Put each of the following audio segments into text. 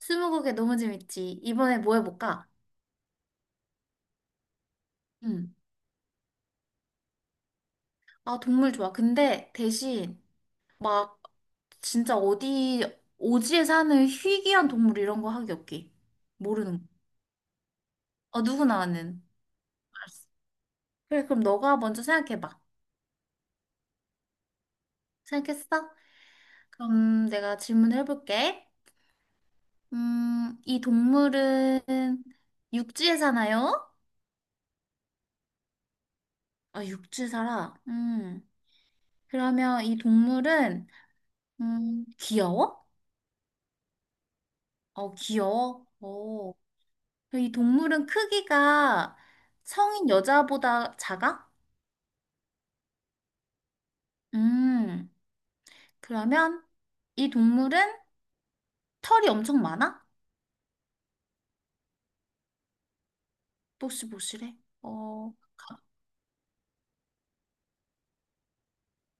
스무고개 너무 재밌지. 이번에 뭐 해볼까? 응. 아, 동물 좋아. 근데 대신 막 진짜 어디 오지에 사는 희귀한 동물 이런 거 하기 없기. 모르는 거. 어, 누구나 아는. 알았어. 그래, 그럼 너가 먼저 생각해봐. 생각했어? 그럼 내가 질문을 해볼게. 이 동물은 육지에 사나요? 아, 육지에 살아. 음. 그러면 이 동물은 귀여워? 어, 귀여워? 어. 이 동물은 크기가 성인 여자보다 작아? 음, 그러면 이 동물은 털이 엄청 많아? 보시보실해 어,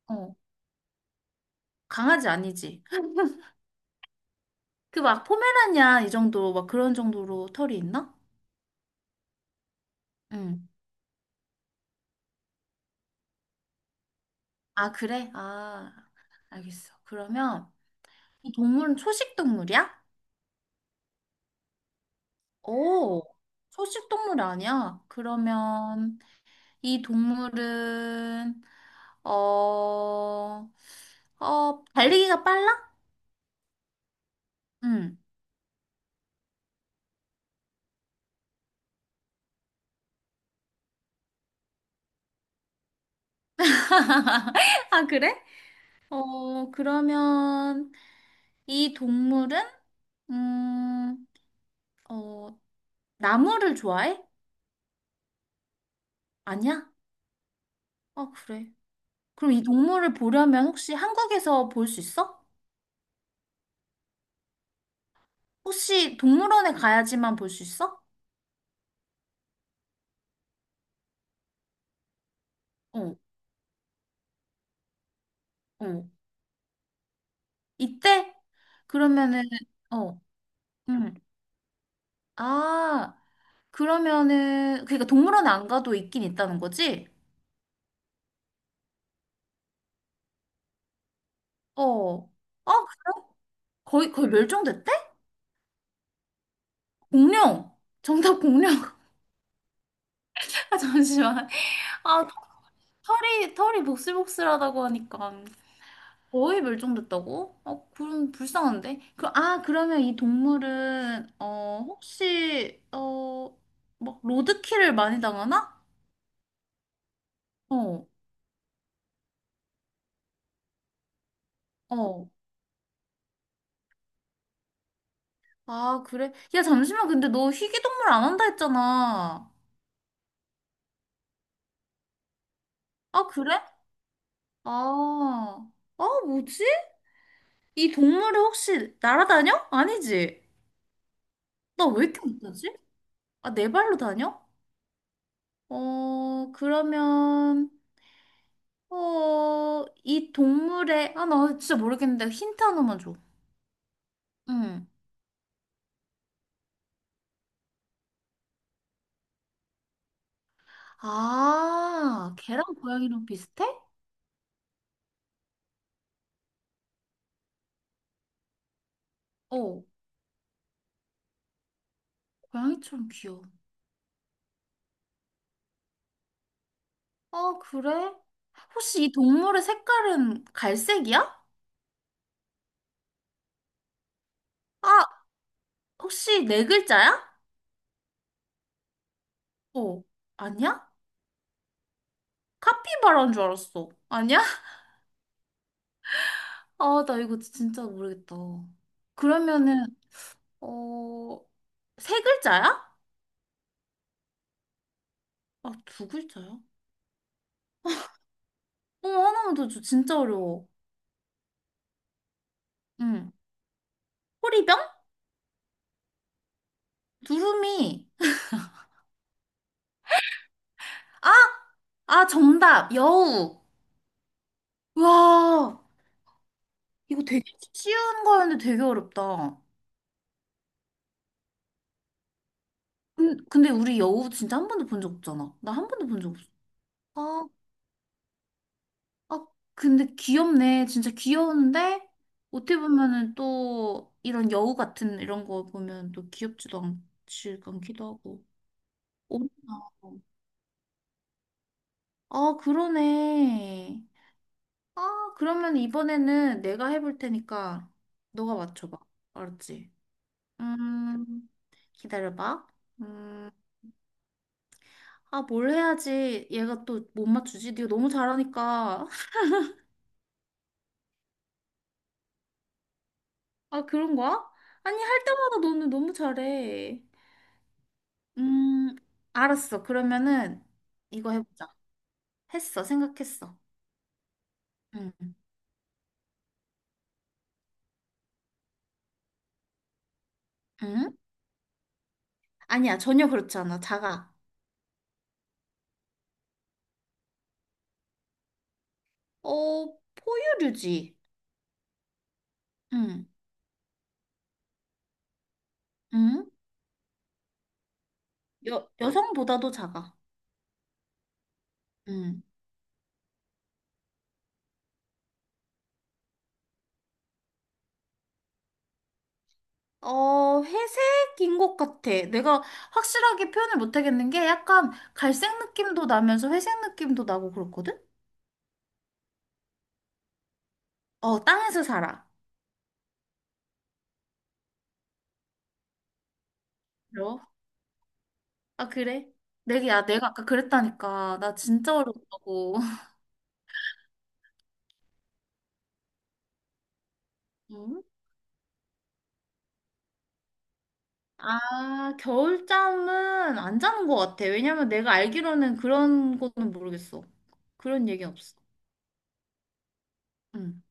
어, 강아지 아니지. 그 막 포메라니안 이 정도, 막 그런 정도로 털이 있나? 응. 아, 그래? 아, 알겠어. 그러면 이 동물은 초식 동물이야? 오, 초식 동물 아니야. 그러면 이 동물은 어, 어, 달리기가 빨라? 응. 아, 그래? 어, 그러면 이 동물은 음, 어, 나무를 좋아해? 아니야? 아, 그래. 그럼 이 동물을 보려면 혹시 한국에서 볼 수 있어? 혹시 동물원에 가야지만 볼 수 있어? 어, 어. 이때? 그러면은 어. 응. 아, 그러면은 그러니까 동물원 안 가도 있긴 있다는 거지? 어. 아, 거의 거의 멸종됐대? 공룡. 정답 공룡. 아 잠시만. 아 털이 복슬복슬하다고 하니까 거의 멸종됐다고? 어, 그럼 불쌍한데. 그, 아, 그러면 이 동물은 어 혹시 어 막 로드킬을 많이 당하나? 어. 어. 아, 그래? 야, 잠시만. 근데 너 희귀동물 안 한다 했잖아. 아, 그래? 아, 아, 뭐지? 이 동물이 혹시 날아다녀? 아니지. 나 왜 이렇게 못하지? 아, 네 발로 다녀? 어, 그러면, 어, 이 동물의, 아, 나 진짜 모르겠는데 힌트 하나만 줘. 응. 아, 걔랑 고양이랑 비슷해? 어, 고양이처럼 귀여워. 아, 그래? 혹시 이 동물의 색깔은 갈색이야? 아, 혹시 네 글자야? 어, 아니야? 카피바라인 줄 알았어. 아니야? 아, 나 이거 진짜 모르겠다. 그러면은, 어, 세 글자야? 아, 두 글자야? 어, 하나만 더 줘. 진짜 어려워. 응. 호리병? 두루미. 아, 아, 정답. 여우. 와, 이거 되게 쉬운 거였는데 되게 어렵다. 근데 우리 여우 진짜 한 번도 본 적 없잖아. 나 한 번도 본 적 없어. 아, 어, 근데 귀엽네. 진짜 귀여운데, 어떻게 보면은 또 이런 여우 같은 이런 거 보면 또 귀엽지도 않지, 않기도 하고. 어, 아, 그러네. 아, 그러면 이번에는 내가 해볼 테니까 너가 맞춰봐. 알았지? 음, 기다려봐. 음, 아, 뭘 해야지. 얘가 또 못 맞추지? 네가 너무 잘하니까. 아, 그런 거야? 아니, 할 때마다 너는 너무 잘해. 음, 알았어. 그러면은 이거 해보자. 했어. 생각했어. 응. 응? 아니야. 전혀 그렇지 않아. 작아. 어, 포유류지. 응. 응? 여, 여성보다도 작아. 응. 어, 회색인 것 같아. 내가 확실하게 표현을 못 하겠는 게 약간 갈색 느낌도 나면서 회색 느낌도 나고 그렇거든? 어, 땅에서 살아. 그래? 아, 그래? 내가 야, 내가 아까 그랬다니까. 나 진짜 어렵다고. 응? 아, 겨울잠은 안 자는 것 같아. 왜냐면 내가 알기로는 그런 거는 모르겠어. 그런 얘기는 없어. 응.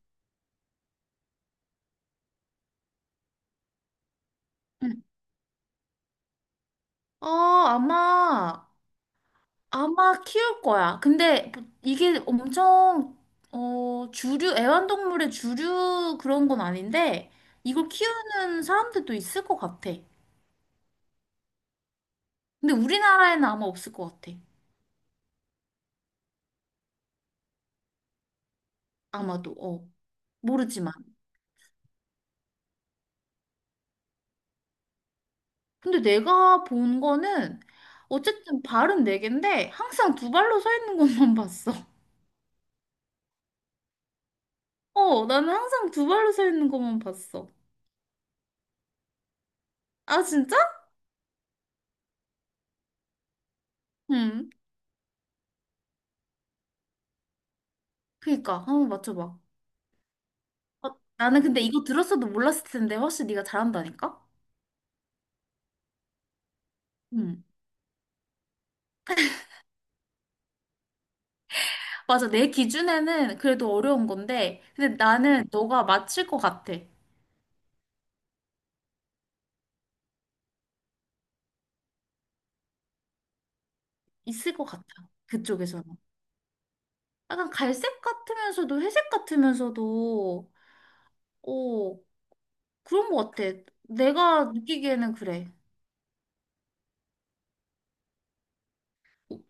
응. 어, 아마, 아마 키울 거야. 근데 뭐 이게 엄청, 어, 주류, 애완동물의 주류 그런 건 아닌데, 이걸 키우는 사람들도 있을 것 같아. 근데 우리나라에는 아마 없을 것 같아. 아마도, 어. 모르지만. 근데 내가 본 거는 어쨌든 발은 네 개인데 항상 두 발로 서 있는 것만 봤어. 어, 나는 항상 두 발로 서 있는 것만 봤어. 아, 진짜? 응. 그니까 한번 맞춰봐. 어, 나는 근데 이거 들었어도 몰랐을 텐데 훨씬 네가 잘한다니까? 응. 맞아. 내 기준에는 그래도 어려운 건데 근데 나는 너가 맞힐 것 같아. 있을 것 같아. 그쪽에서는. 약간 갈색 같으면서도 회색 같으면서도 어 그런 거 같아. 내가 느끼기에는 그래.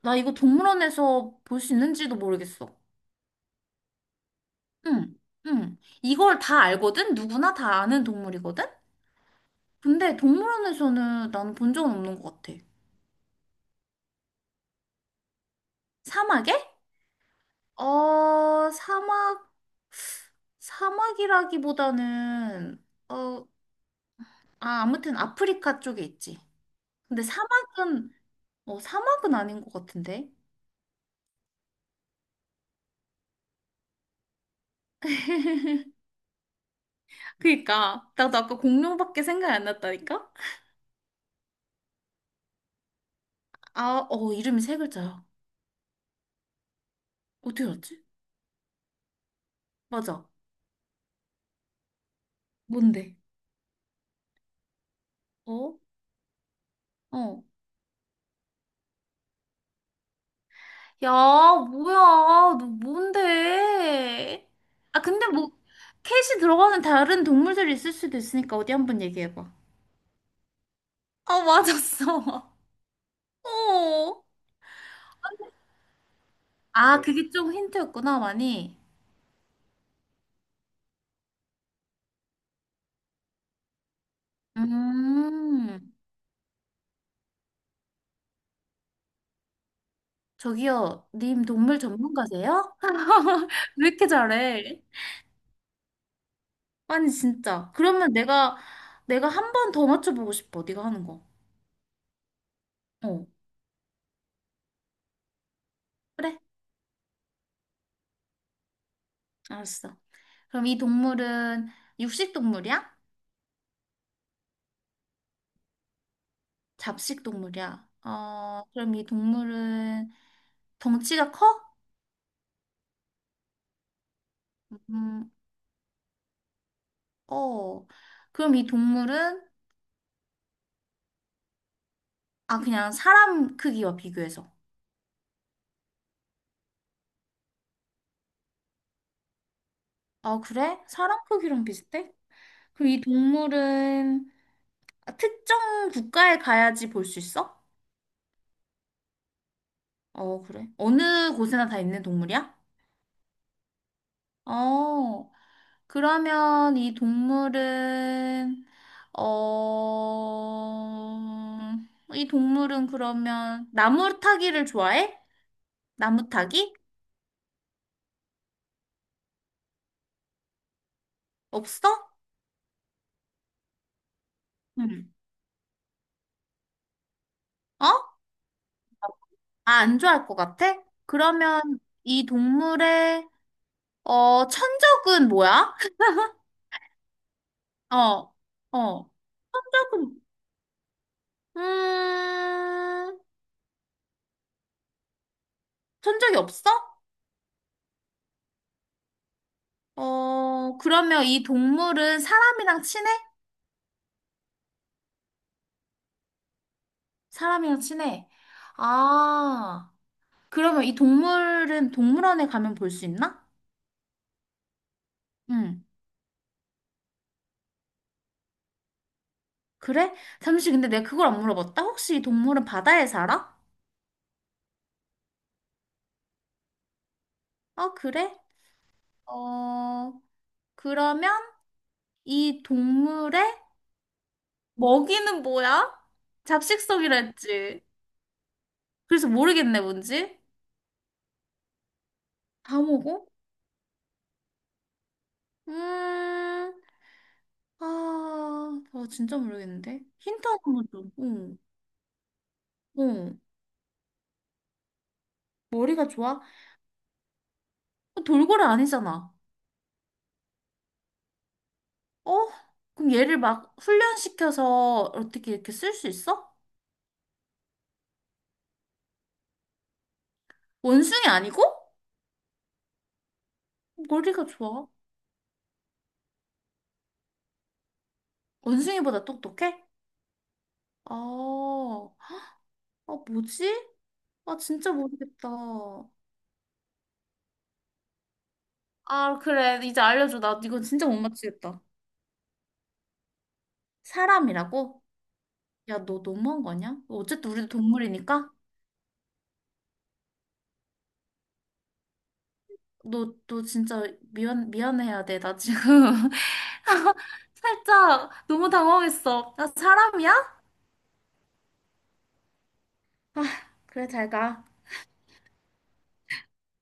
나 이거 동물원에서 볼 수 있는지도 모르겠어. 응, 응. 이걸 다 알거든? 누구나 다 아는 동물이거든? 근데 동물원에서는 나는 본 적은 없는 것 같아. 사막에? 어, 사막이라기보다는, 어, 아, 아무튼 아프리카 쪽에 있지. 근데 사막은, 어, 사막은 아닌 것 같은데? 그니까. 나도 아까 공룡밖에 생각이 안 났다니까? 아, 어, 이름이 세 글자야. 어떻게 알았지? 맞아. 뭔데? 어? 어. 야, 뭐야, 너 뭔데? 아, 근데 뭐, 캣이 들어가는 다른 동물들이 있을 수도 있으니까 어디 한번 얘기해봐. 아, 맞았어. 어. 아, 그게 좀 힌트였구나, 많이. 음, 저기요, 님 동물 전문가세요? 왜 이렇게 잘해? 아니, 진짜. 그러면 내가, 한 번 더 맞춰보고 싶어, 네가 하는 거. 어. 그래, 알았어. 그럼 이 동물은 육식 동물이야? 잡식 동물이야? 어, 그럼 이 동물은 덩치가 커? 음, 어. 그럼 이 동물은 아 그냥 사람 크기와 비교해서. 아, 그래? 사람 크기랑 비슷해? 그럼 이 동물은 특정 국가에 가야지 볼 수 있어? 어, 그래. 어느 곳에나 다 있는 동물이야? 어. 그러면 이 동물은, 어, 이 동물은 그러면 나무 타기를 좋아해? 나무 타기? 없어? 응. 어? 아, 안 좋아할 것 같아? 그러면 이 동물의, 어, 천적은 뭐야? 어, 어. 천적은. 음, 천적이 없어? 어, 그러면 이 동물은 사람이랑 친해? 사람이랑 친해. 아. 그러면 이 동물은 동물원에 가면 볼 수 있나? 응. 그래? 잠시 근데 내가 그걸 안 물어봤다. 혹시 이 동물은 바다에 살아? 어, 그래? 어, 그러면 이 동물의 먹이는 뭐야? 잡식성이라 했지. 그래서 모르겠네, 뭔지. 다 먹어? 음, 아, 나 진짜 모르겠는데. 힌트 하나만 줘. 응, 응. 머리가 좋아? 어, 돌고래 아니잖아. 어? 그럼 얘를 막 훈련시켜서 어떻게 이렇게 쓸 수 있어? 원숭이 아니고? 머리가 좋아. 원숭이보다 똑똑해? 아, 아, 뭐지? 아, 진짜 모르겠다. 아, 그래. 이제 알려줘. 나 이건 진짜 못 맞추겠다. 사람이라고? 야, 너 너무한 거 아니야? 어쨌든 우리도 동물이니까? 너, 진짜 미안해야 돼. 나 지금 살짝 너무 당황했어. 나 사람이야? 아, 그래, 잘 가.